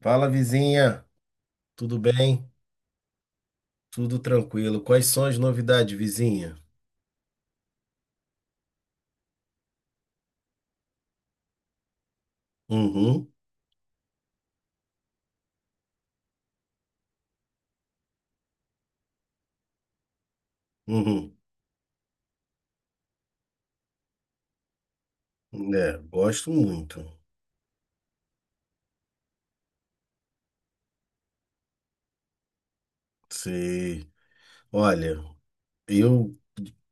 Fala, vizinha. Tudo bem? Tudo tranquilo. Quais são as novidades, vizinha? Uhum, uhum. É, gosto muito. Sei. Olha, eu,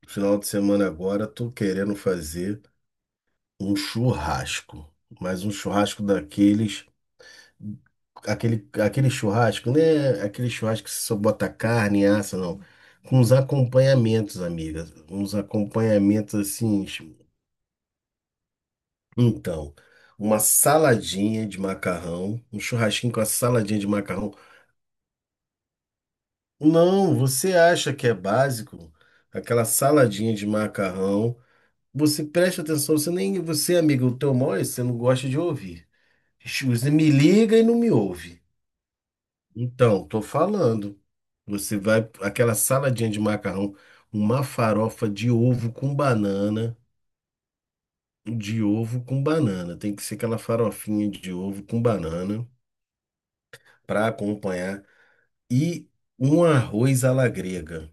final de semana agora, tô querendo fazer um churrasco. Mas um churrasco daqueles. Aquele churrasco, né? Aquele churrasco que você só bota carne, assa, não. Com uns acompanhamentos, amiga. Uns acompanhamentos assim. Então, uma saladinha de macarrão, um churrasquinho com a saladinha de macarrão. Não, você acha que é básico? Aquela saladinha de macarrão. Você presta atenção, você nem você, amigo, o teu mal é esse, você não gosta de ouvir. Você me liga e não me ouve. Então, tô falando. Você vai aquela saladinha de macarrão, uma farofa de ovo com banana, de ovo com banana. Tem que ser aquela farofinha de ovo com banana para acompanhar e um arroz à la grega.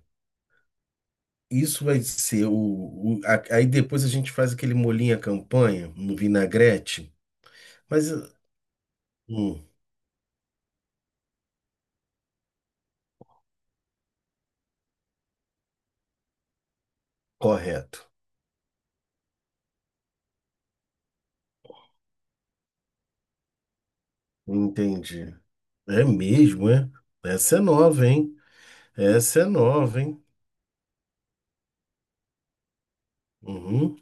Isso vai ser o, aí depois a gente faz aquele molhinho à campanha no vinagrete. Mas hum, correto. Entendi. É mesmo, é? Essa é nova, hein? Essa é nova, hein? Uhum.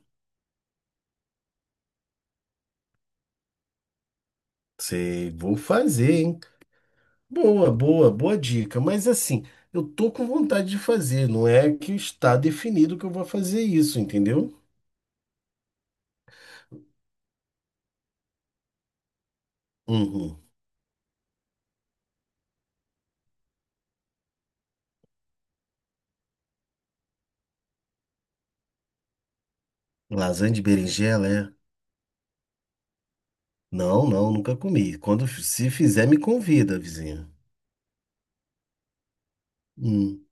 Sei, vou fazer, hein? Boa, boa, boa dica. Mas assim, eu tô com vontade de fazer, não é que está definido que eu vou fazer isso, entendeu? Uhum. Lasanha de berinjela, é? Não, não, nunca comi. Quando se fizer, me convida, vizinha. Hum,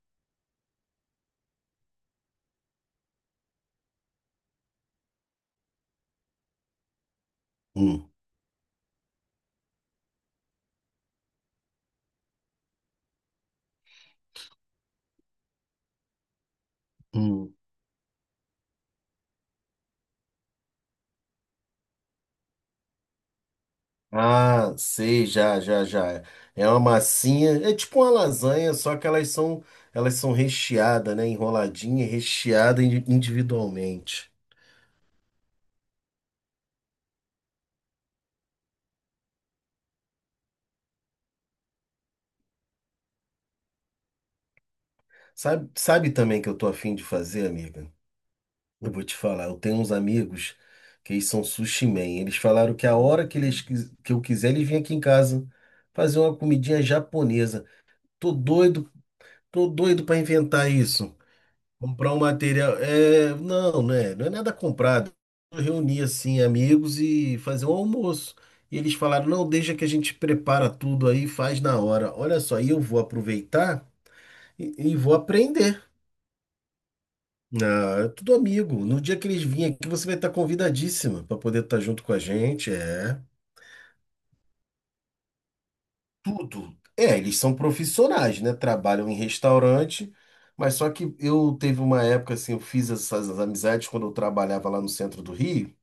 hum, hum. Ah, sei, já, já, já. É uma massinha, é tipo uma lasanha, só que elas são recheadas, né? Enroladinha, e recheada individualmente. Sabe, sabe também que eu tô afim de fazer, amiga? Eu vou te falar, eu tenho uns amigos que eles são sushi man. Eles falaram que a hora que eles que eu quiser, eles vêm aqui em casa fazer uma comidinha japonesa. Tô doido Tô doido para inventar isso. Comprar um material. É, não, né? Não é nada comprado. Eu reuni assim amigos e fazer um almoço. E eles falaram: "Não, deixa que a gente prepara tudo aí, e faz na hora". Olha só, e eu vou aproveitar e vou aprender. Ah, é tudo amigo. No dia que eles virem aqui, você vai estar convidadíssima para poder estar junto com a gente. É. Tudo. É, eles são profissionais, né? Trabalham em restaurante, mas só que eu teve uma época assim, eu fiz essas amizades quando eu trabalhava lá no centro do Rio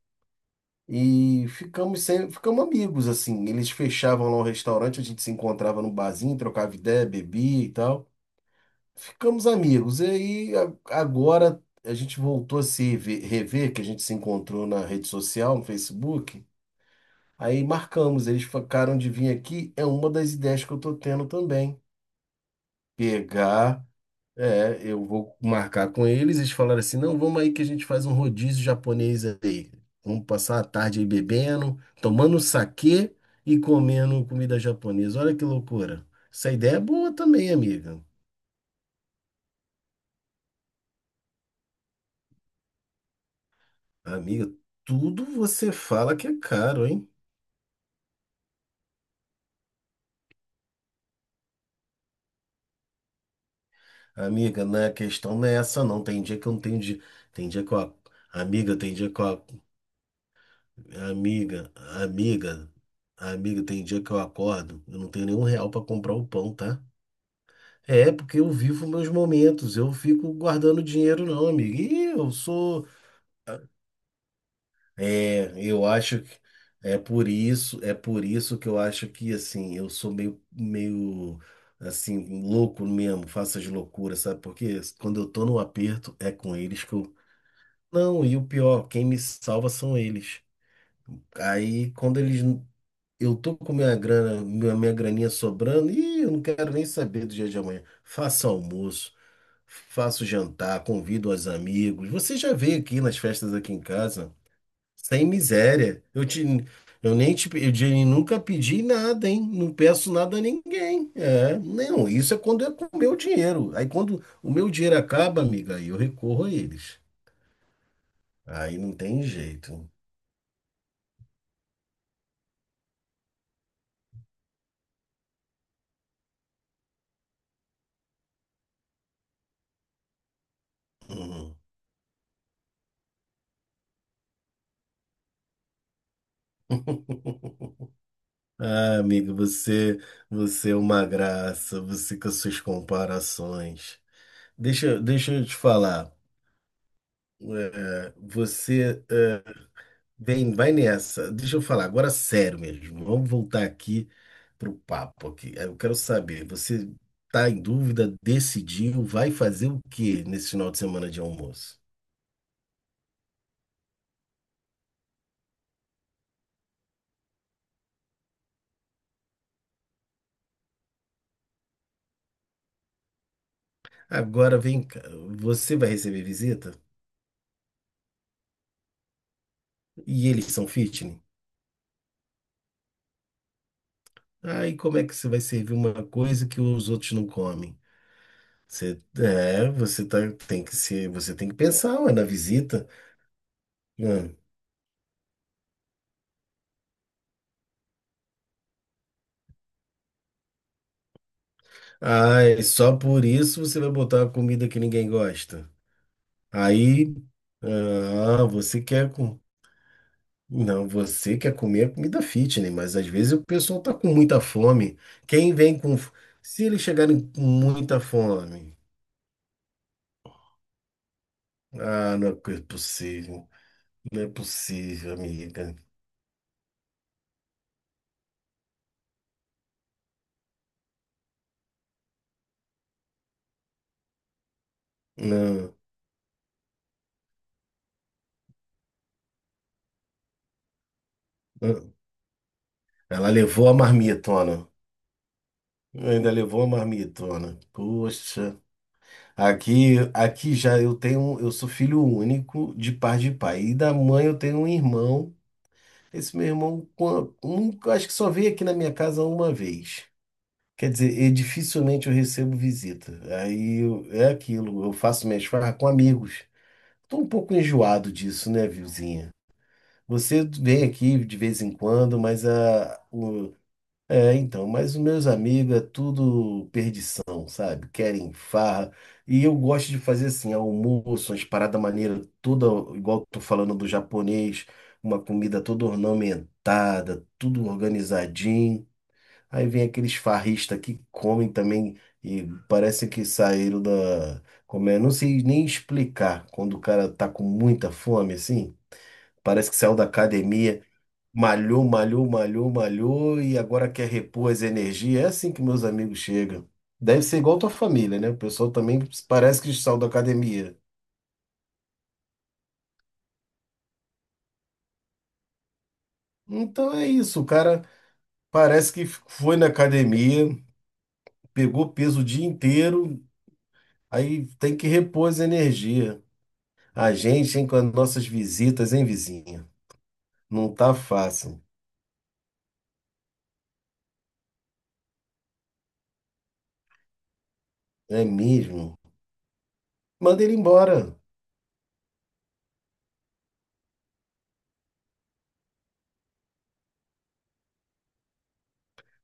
e ficamos sem, ficamos amigos assim. Eles fechavam lá um restaurante, a gente se encontrava num barzinho, trocava ideia, bebia e tal. Ficamos amigos. E aí agora a gente voltou a se rever, que a gente se encontrou na rede social, no Facebook. Aí marcamos, eles ficaram de vir aqui, é uma das ideias que eu tô tendo também. Pegar, é, eu vou marcar com eles, eles falaram assim, não, vamos aí que a gente faz um rodízio japonês aí. Vamos passar a tarde aí bebendo, tomando saquê e comendo comida japonesa. Olha que loucura. Essa ideia é boa também, amiga. Amiga, tudo você fala que é caro, hein? Amiga, não é a questão não é essa não. Tem dia que eu não tenho dia, tem dia que eu, amiga, tem dia que eu, ac- amiga, amiga, tem dia que eu acordo, eu não tenho nenhum real para comprar o pão, tá? É, porque eu vivo meus momentos, eu fico guardando dinheiro não, amigo. E eu sou, é, eu acho que é por isso que eu acho que assim, eu sou meio assim louco mesmo, faço as loucuras, sabe? Porque quando eu tô no aperto é com eles que eu. Não, e o pior, quem me salva são eles. Aí quando eles eu tô com minha grana, minha graninha sobrando, e eu não quero nem saber do dia de amanhã. Faça almoço. Faço jantar, convido os amigos. Você já veio aqui nas festas aqui em casa, sem miséria. Eu te, eu nem te, pe- eu de- Nunca pedi nada, hein? Não peço nada a ninguém. É, não, isso é quando é com o meu dinheiro. Aí quando o meu dinheiro acaba, amiga, aí eu recorro a eles. Aí não tem jeito. Uhum. Ah, amiga, você, você é uma graça, você com as suas comparações. Deixa eu te falar. É, você é. Vem, vai nessa. Deixa eu falar agora sério mesmo. Vamos voltar aqui pro papo aqui. Eu quero saber, você tá em dúvida, decidiu, vai fazer o que nesse final de semana de almoço? Agora vem cá, você vai receber visita? E eles são fitness? Aí como é que você vai servir uma coisa que os outros não comem? Você, é, você tá, tem que ser, você tem que pensar, ué, na visita. Hum. Ah, e só por isso você vai botar uma comida que ninguém gosta. Aí, ah, você quer com... Não, você quer comer a comida fitness, mas às vezes o pessoal tá com muita fome. Quem vem com... Se eles chegarem com muita fome... Ah, não é possível. Não é possível, amiga. Não. Não. Ela levou a marmitona. Ainda levou a marmitona. Poxa. Aqui já eu tenho... Eu sou filho único de par de pai. E da mãe eu tenho um irmão. Esse meu irmão, acho que só veio aqui na minha casa uma vez. Quer dizer, e dificilmente eu recebo visita. Aí é aquilo, eu faço minhas farras com amigos. Tô um pouco enjoado disso, né, Vilzinha? Você vem aqui de vez em quando, mas a, é, então, mas os meus amigos é tudo perdição, sabe? Querem farra. E eu gosto de fazer assim, almoço, umas paradas maneiras, toda igual que tô falando do japonês, uma comida toda ornamentada, tudo organizadinho. Aí vem aqueles farristas que comem também e parece que saíram da. Como é? Não sei nem explicar quando o cara tá com muita fome, assim. Parece que saiu da academia. Malhou, malhou, malhou, malhou e agora quer repor as energias. É assim que meus amigos chegam. Deve ser igual tua família, né? O pessoal também parece que saiu da academia. Então é isso, o cara parece que foi na academia, pegou peso o dia inteiro, aí tem que repor as energias. A gente, hein, com as nossas visitas, hein, vizinha? Não tá fácil, não é mesmo? Manda ele embora.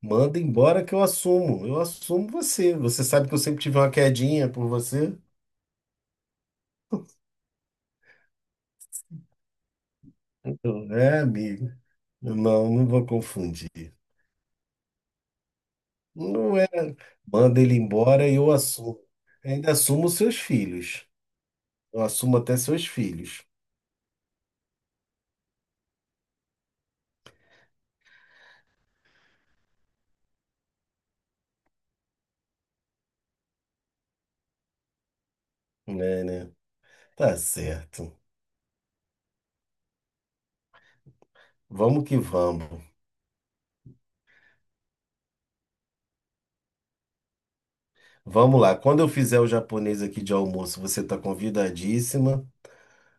Manda embora que eu assumo. Eu assumo você. Você sabe que eu sempre tive uma quedinha por você. É, amigo. Não, não vou confundir. Não é. Manda ele embora e eu assumo. Ainda assumo seus filhos. Eu assumo até seus filhos. É, né? Tá certo. Vamos que vamos. Vamos lá. Quando eu fizer o japonês aqui de almoço, você tá convidadíssima.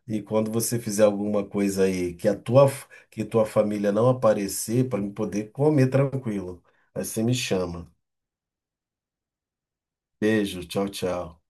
E quando você fizer alguma coisa aí que a tua, que tua família não aparecer, para me poder comer tranquilo. Aí você me chama. Beijo, tchau, tchau.